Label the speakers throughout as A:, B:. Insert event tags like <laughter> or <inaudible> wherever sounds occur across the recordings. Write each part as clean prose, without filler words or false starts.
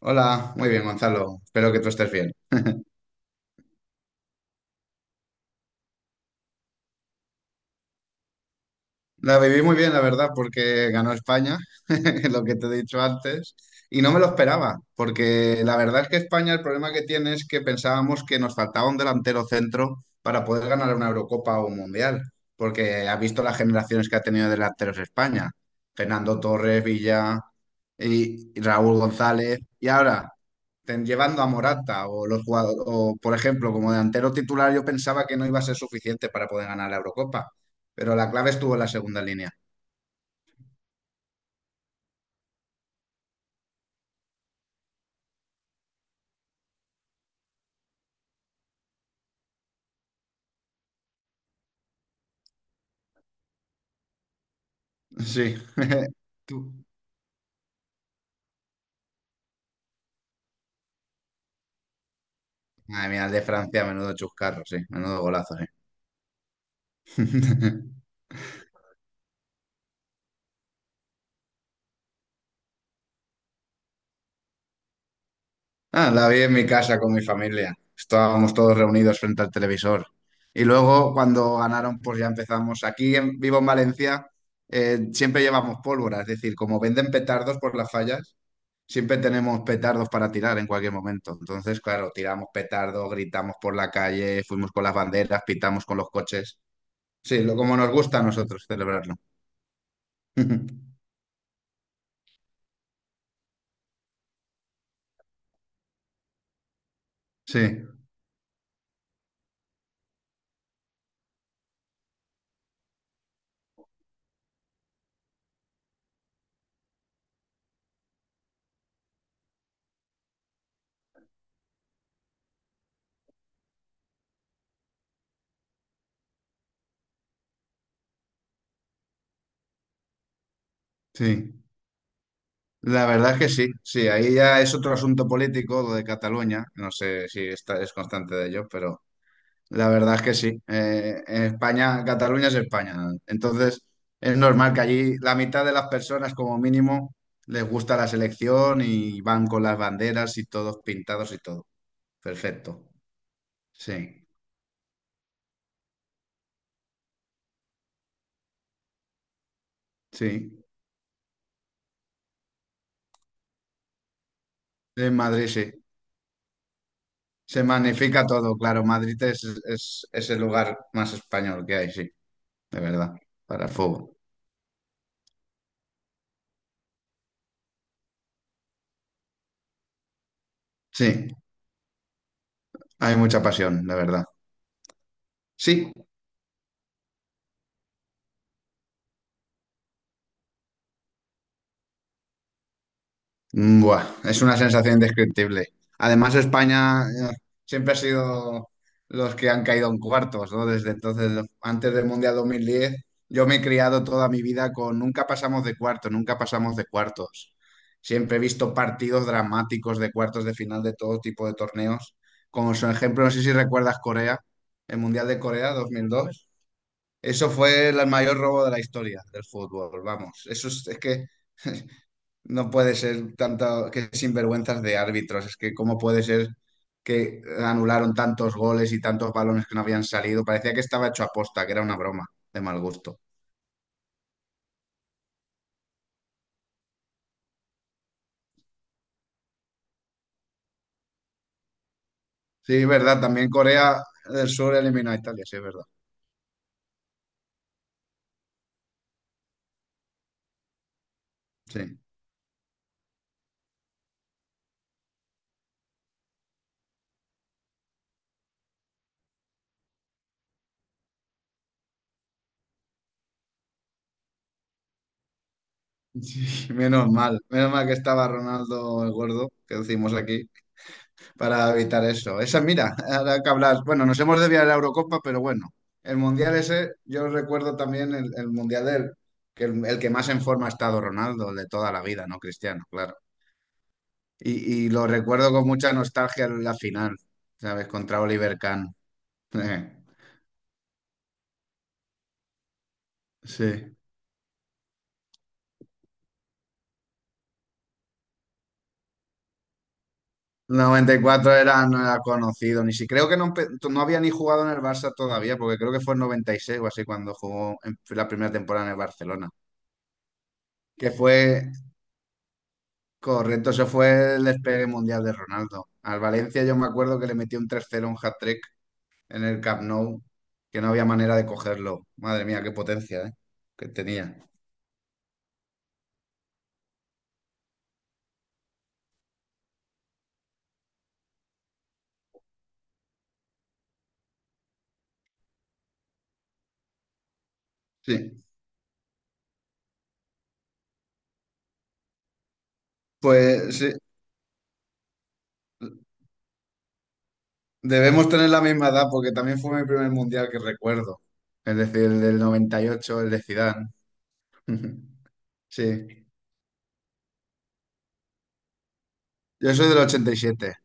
A: Hola, muy bien, Gonzalo. Espero que tú estés bien. La viví muy bien, la verdad, porque ganó España, <laughs> lo que te he dicho antes, y no me lo esperaba, porque la verdad es que España el problema que tiene es que pensábamos que nos faltaba un delantero centro para poder ganar una Eurocopa o un Mundial, porque ha visto las generaciones que ha tenido de delanteros España, Fernando Torres, Villa y Raúl González, y ahora llevando a Morata o los jugadores, o por ejemplo, como delantero titular, yo pensaba que no iba a ser suficiente para poder ganar la Eurocopa. Pero la clave estuvo en la segunda línea. Sí. <laughs> Tú. Madre mía, el de Francia, menudo chuscarro, sí. Menudo golazo, sí. <laughs> Ah, la vi en mi casa con mi familia. Estábamos todos reunidos frente al televisor. Y luego, cuando ganaron, pues ya empezamos. Aquí en, vivo en Valencia, siempre llevamos pólvora. Es decir, como venden petardos por las fallas, siempre tenemos petardos para tirar en cualquier momento. Entonces, claro, tiramos petardos, gritamos por la calle, fuimos con las banderas, pitamos con los coches. Sí, lo, como nos gusta a nosotros celebrarlo. <laughs> Sí, sí. La verdad es que sí, sí. Ahí ya es otro asunto político lo de Cataluña. No sé si es constante de ello, pero la verdad es que sí. En España, Cataluña es España. Entonces, es normal que allí la mitad de las personas, como mínimo, les gusta la selección y van con las banderas y todos pintados y todo. Perfecto. Sí, sí. En Madrid, sí. Se magnifica todo, claro. Madrid es el lugar más español que hay, sí, de verdad, para el fútbol. Sí, hay mucha pasión, de verdad. Sí, mm, buah, es una sensación indescriptible. Además, España siempre ha sido los que han caído en cuartos, ¿no? Desde entonces, antes del Mundial 2010, yo me he criado toda mi vida con nunca pasamos de cuartos, nunca pasamos de cuartos. Siempre he visto partidos dramáticos de cuartos de final de todo tipo de torneos. Como su ejemplo, no sé si recuerdas Corea, el Mundial de Corea dos mil dos. Eso fue el mayor robo de la historia del fútbol, vamos. Eso es que <laughs> no puede ser tanto que sinvergüenzas de árbitros. Es que cómo puede ser que anularon tantos goles y tantos balones que no habían salido. Parecía que estaba hecho a posta, que era una broma de mal gusto. Sí, es verdad. También Corea del Sur eliminó a Italia, sí, es verdad. Sí. <laughs> Sí, menos mal. Menos mal que estaba Ronaldo el gordo, que decimos aquí, para evitar eso. Esa, mira, ahora que hablas, bueno, nos hemos desviado de la Eurocopa, pero bueno, el Mundial ese, yo recuerdo también el Mundial del, que el que más en forma ha estado Ronaldo, el de toda la vida, ¿no? Cristiano, claro. Y lo recuerdo con mucha nostalgia en la final, ¿sabes? Contra Oliver Kahn. <laughs> Sí. Noventa y cuatro era, no era conocido, ni si creo que no, no había ni jugado en el Barça todavía, porque creo que fue en 96 o así cuando jugó en la primera temporada en el Barcelona, que fue. Correcto, eso fue el despegue mundial de Ronaldo. Al Valencia yo me acuerdo que le metió un tres cero, un hat-trick en el Camp Nou, que no había manera de cogerlo. Madre mía, qué potencia, ¿eh? Que tenía. Sí, pues sí, debemos tener la misma edad porque también fue mi primer mundial que recuerdo. Es decir, el del 98, el de Zidane. <laughs> Sí, yo soy del 87.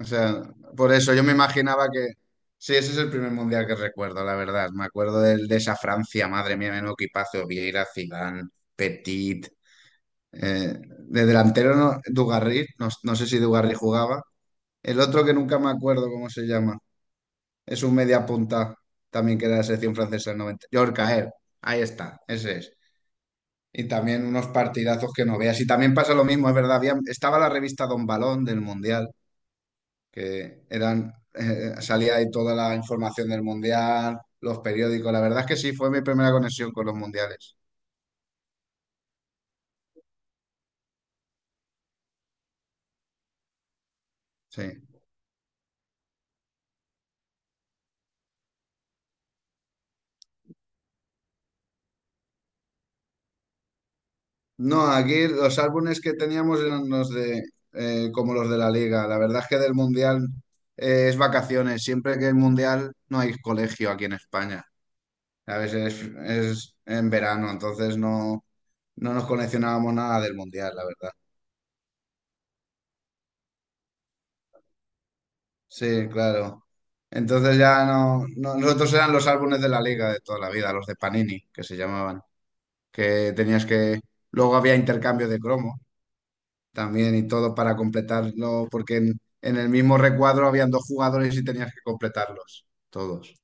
A: O sea, por eso yo me imaginaba que... Sí, ese es el primer mundial que recuerdo, la verdad. Me acuerdo de, esa Francia, madre mía, menudo equipazo. Vieira, Zidane, Petit... eh, de delantero, no, Dugarry, no, no sé si Dugarry jugaba. El otro que nunca me acuerdo cómo se llama. Es un media punta, también que era de la selección francesa del 90. Yorkaer, ahí está, ese es. Y también unos partidazos que no veas. Y también pasa lo mismo, es verdad. Estaba la revista Don Balón del mundial, que eran, salía ahí toda la información del mundial, los periódicos. La verdad es que sí, fue mi primera conexión con los mundiales. Sí. No, aquí los álbumes que teníamos eran los de, como los de la liga. La verdad es que del mundial es vacaciones. Siempre que hay mundial no hay colegio aquí en España. A veces es en verano, entonces no, no nos coleccionábamos nada del mundial, la verdad. Sí, claro. Entonces ya no, nosotros eran los álbumes de la liga de toda la vida, los de Panini, que se llamaban. Que tenías que... Luego había intercambio de cromo también y todo para completarlo, porque en el mismo recuadro habían dos jugadores y tenías que completarlos, todos.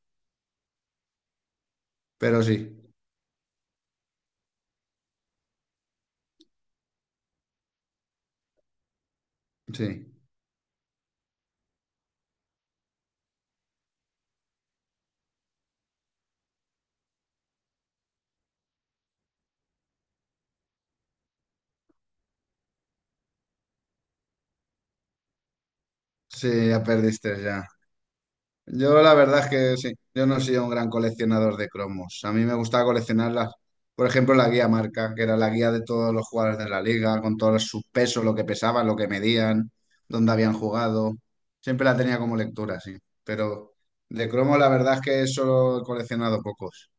A: Pero sí, sí, sí, ya perdiste ya. Yo la verdad es que sí, yo no soy un gran coleccionador de cromos. A mí me gustaba coleccionarlas, por ejemplo, la guía marca, que era la guía de todos los jugadores de la liga, con todos sus pesos, lo que pesaban, lo que medían, dónde habían jugado. Siempre la tenía como lectura, sí. Pero de cromos la verdad es que solo he coleccionado pocos.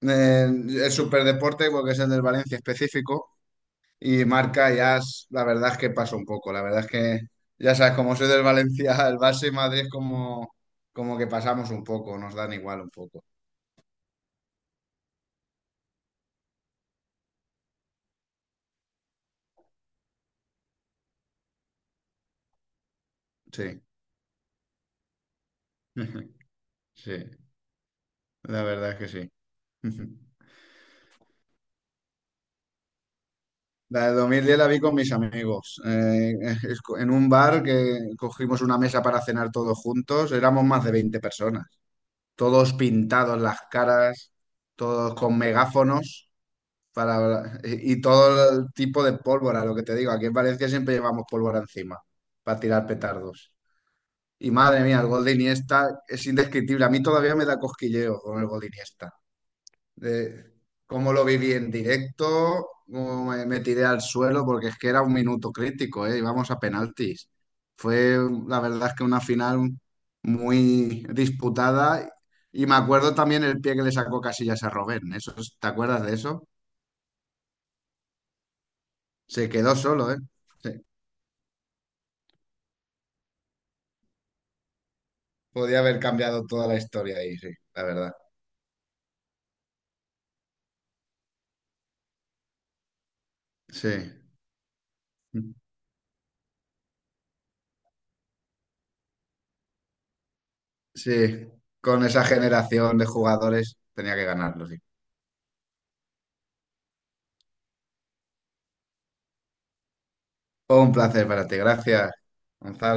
A: El superdeporte, porque es el del Valencia específico. Y Marca ya, la verdad es que pasa un poco. La verdad es que, ya sabes, como soy del Valencia, <laughs> el Barça y Madrid es como, como que pasamos un poco, nos dan igual un poco. Sí, <laughs> sí, la verdad es que sí. <laughs> La de dos mil diez la vi con mis amigos. <laughs> En un bar que cogimos una mesa para cenar todos juntos, éramos más de 20 personas. Todos pintados las caras, todos con megáfonos para, y todo el tipo de pólvora, lo que te digo. Aquí en Valencia siempre llevamos pólvora encima para tirar petardos. Y madre mía, el gol de Iniesta es indescriptible. A mí todavía me da cosquilleo con el gol de Iniesta. De cómo lo viví en directo, cómo me tiré al suelo, porque es que era un minuto crítico, ¿eh? Íbamos a penaltis. Fue, la verdad es que una final muy disputada. Y me acuerdo también el pie que le sacó Casillas a Robben. ¿Eso, te acuerdas de eso? Se quedó solo, ¿eh? Sí, podía haber cambiado toda la historia ahí, sí, la verdad. Sí, sí. Con esa generación de jugadores tenía que ganarlo, sí. Un placer para ti, gracias, Gonzalo.